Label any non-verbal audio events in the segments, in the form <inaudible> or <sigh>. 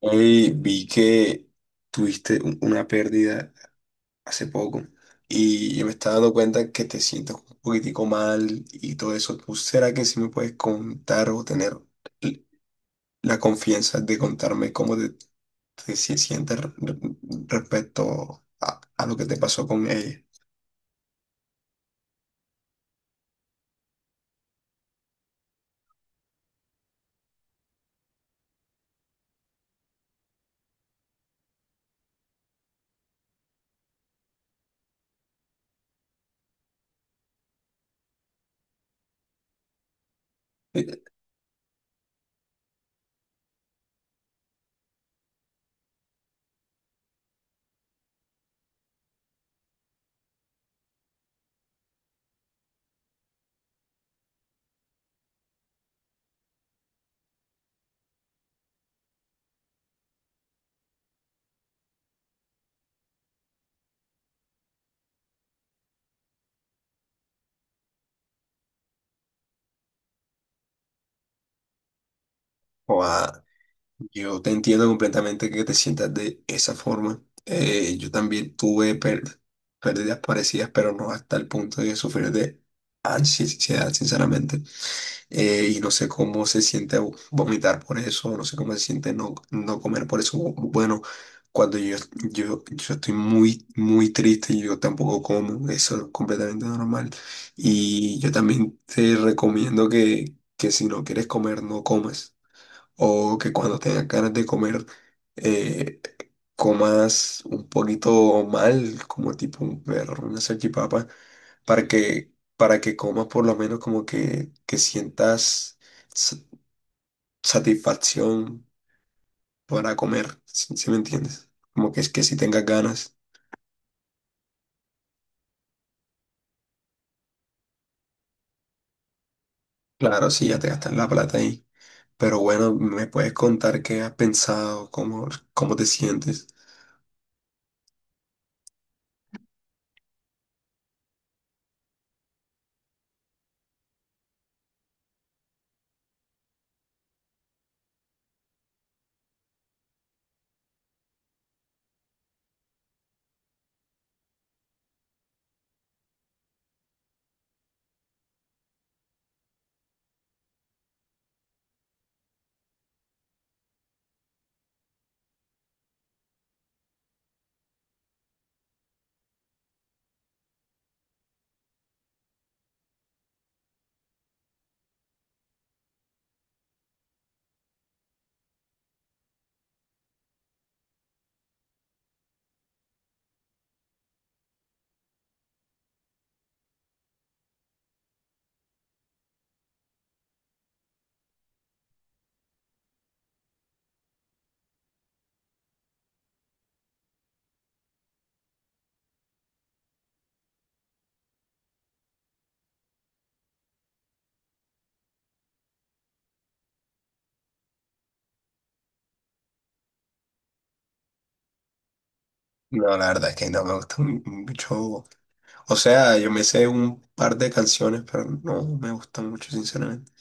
Hoy vi que tuviste una pérdida hace poco, y yo me estaba dando cuenta que te sientes un poquitico mal y todo eso. ¿Tú será que sí me puedes contar o tener l- la confianza de contarme cómo te sientes respecto a, lo que te pasó con ella? Yo te entiendo completamente que te sientas de esa forma. Yo también tuve pérdidas parecidas, pero no hasta el punto de sufrir de ansiedad, sinceramente. Y no sé cómo se siente vomitar por eso, no sé cómo se siente no comer por eso. Bueno, cuando yo estoy muy, muy triste, yo tampoco como. Eso es completamente normal. Y yo también te recomiendo que si no quieres comer, no comas, o que cuando tengas ganas de comer, eh, comas un poquito mal, como tipo un perro, una salchipapa, para que comas por lo menos, como que sientas sa- satisfacción para comer. Si me entiendes? Como que es que si tengas ganas, claro, sí, ya te gastas la plata ahí. Pero bueno, ¿me puedes contar qué has pensado? ¿Cómo te sientes? No, la verdad es que no me gusta mucho. O sea, yo me sé un par de canciones, pero no me gustan mucho, sinceramente.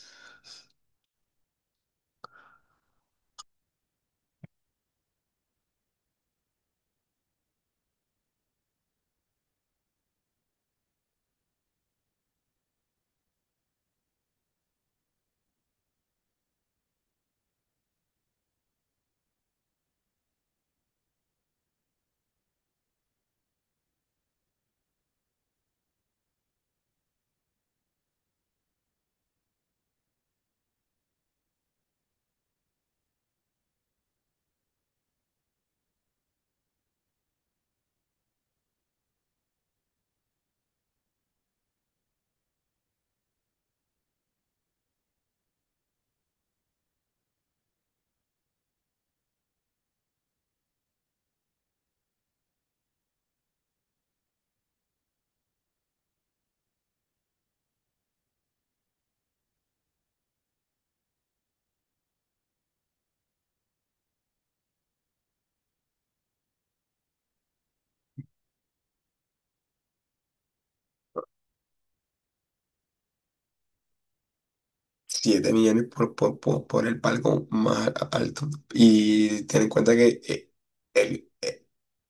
7 millones por el palco más alto. Y ten en cuenta que el, eh,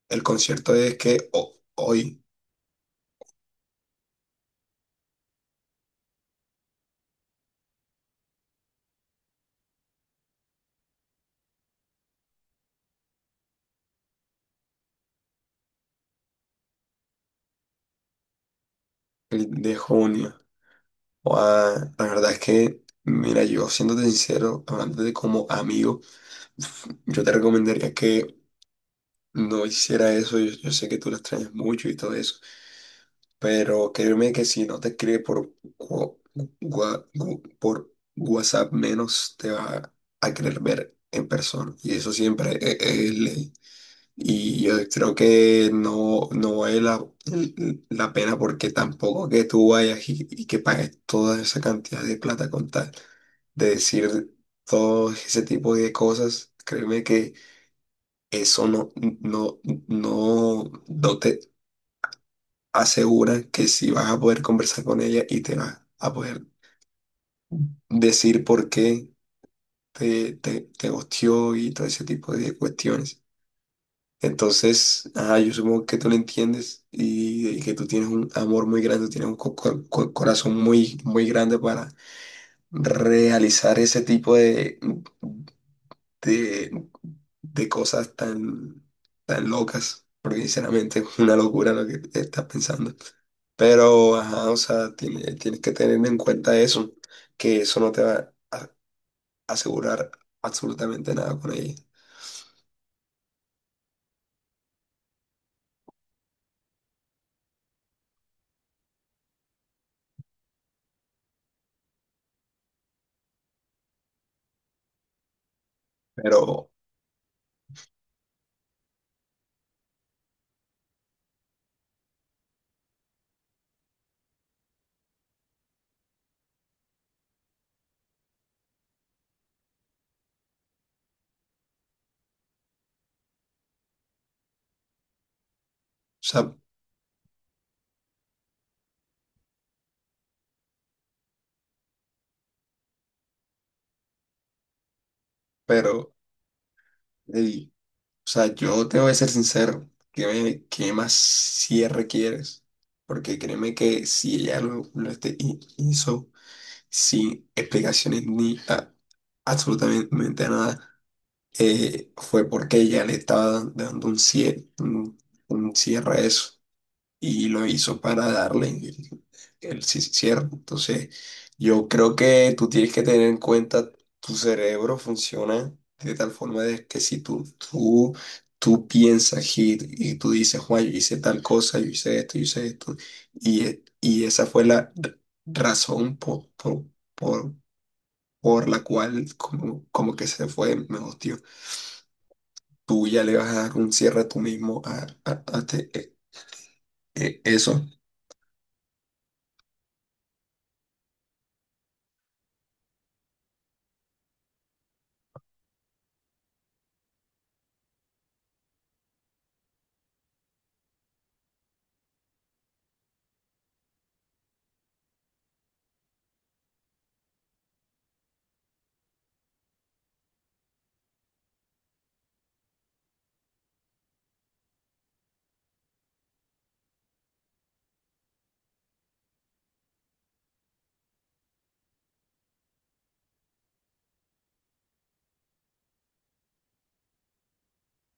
el concierto es que hoy, el de junio. Guau, la verdad es que, mira, yo siéndote sincero, hablando de como amigo, <laughs> yo te recomendaría que no hiciera eso. Yo sé que tú la extrañas mucho y todo eso. Pero créeme que si no te escribe por, wa- por WhatsApp, menos te va a querer ver en persona. Y eso siempre es, ley. Y yo creo que no, no vale la pena, porque tampoco que tú vayas y, que pagues toda esa cantidad de plata con tal de decir todo ese tipo de cosas. Créeme que eso no, no, no, no te asegura que sí vas a poder conversar con ella, y te vas a poder decir por qué te ghosteó y todo ese tipo de cuestiones. Entonces, ah, yo supongo que tú lo entiendes, y que tú tienes un amor muy grande, tienes un corazón muy, muy grande, para realizar ese tipo de, de cosas tan, tan locas, porque sinceramente es una locura lo que estás pensando. Pero, ajá, o sea, tienes que tener en cuenta eso, que eso no te va a asegurar absolutamente nada con ella. Pero, o sea, pero, ey, o sea, yo te voy a ser sincero. ¿Qué más cierre quieres? Porque créeme que si ella lo hizo sin explicaciones ni absolutamente nada, fue porque ella le estaba dando un cierre, un cierre a eso. Y lo hizo para darle el sí, cierto. Entonces, yo creo que tú tienes que tener en cuenta, tu cerebro funciona de tal forma de que si tú, tú piensas y tú dices, Juan, yo hice tal cosa, yo hice esto, y esa fue la razón porpor, la cual, como que se fue mejor, tío. Tú ya le vas a dar un cierre a tú mismo a eso.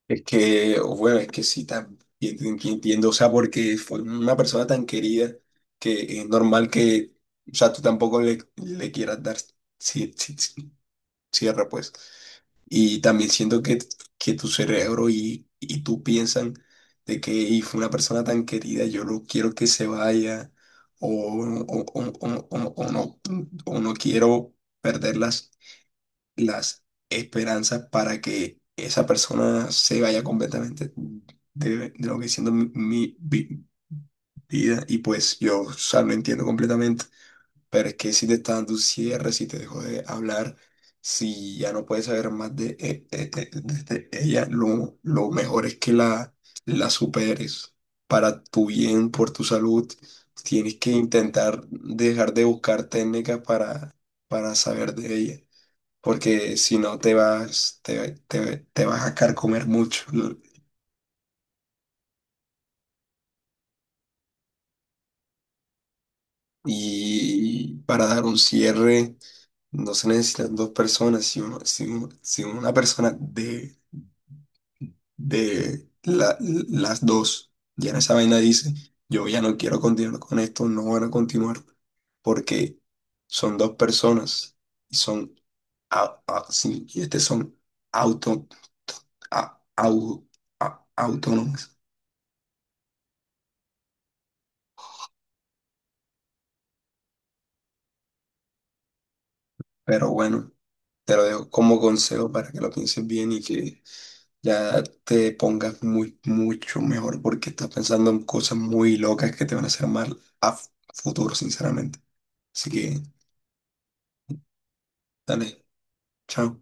Es que, bueno, es que sí, también entiendo. O sea, porque fue una persona tan querida, que es normal que, o sea, tú tampoco le quieras dar ci- ci- ci- cierre, pues. Y también siento que tu cerebro, y, tú piensan de que y fue una persona tan querida, yo no quiero que se vaya o, o, o, o, o- o no, o no quiero perderlas, las esperanzas, para que esa persona se vaya completamente de lo que siendo mi, mi vida, y pues yo, o sea, lo entiendo completamente. Pero es que si te está dando un cierre, si te dejó de hablar, si ya no puedes saber más de, de ella, lo mejor es que la superes para tu bien, por tu salud. Tienes que intentar dejar de buscar técnicas para saber de ella, porque si no te vas, te vas a carcomer mucho, ¿no? Y para dar un cierre no se necesitan dos personas. Si una persona de las dos ya en esa vaina dice, yo ya no quiero continuar con esto, no van a continuar, porque son dos personas y son, sí, y este son auto, a- au- a- autónomas. Pero bueno. Te lo dejo como consejo para que lo pienses bien, y que ya te pongas muy, mucho mejor, porque estás pensando en cosas muy locas que te van a hacer mal a futuro, sinceramente. Así que, dale, chao.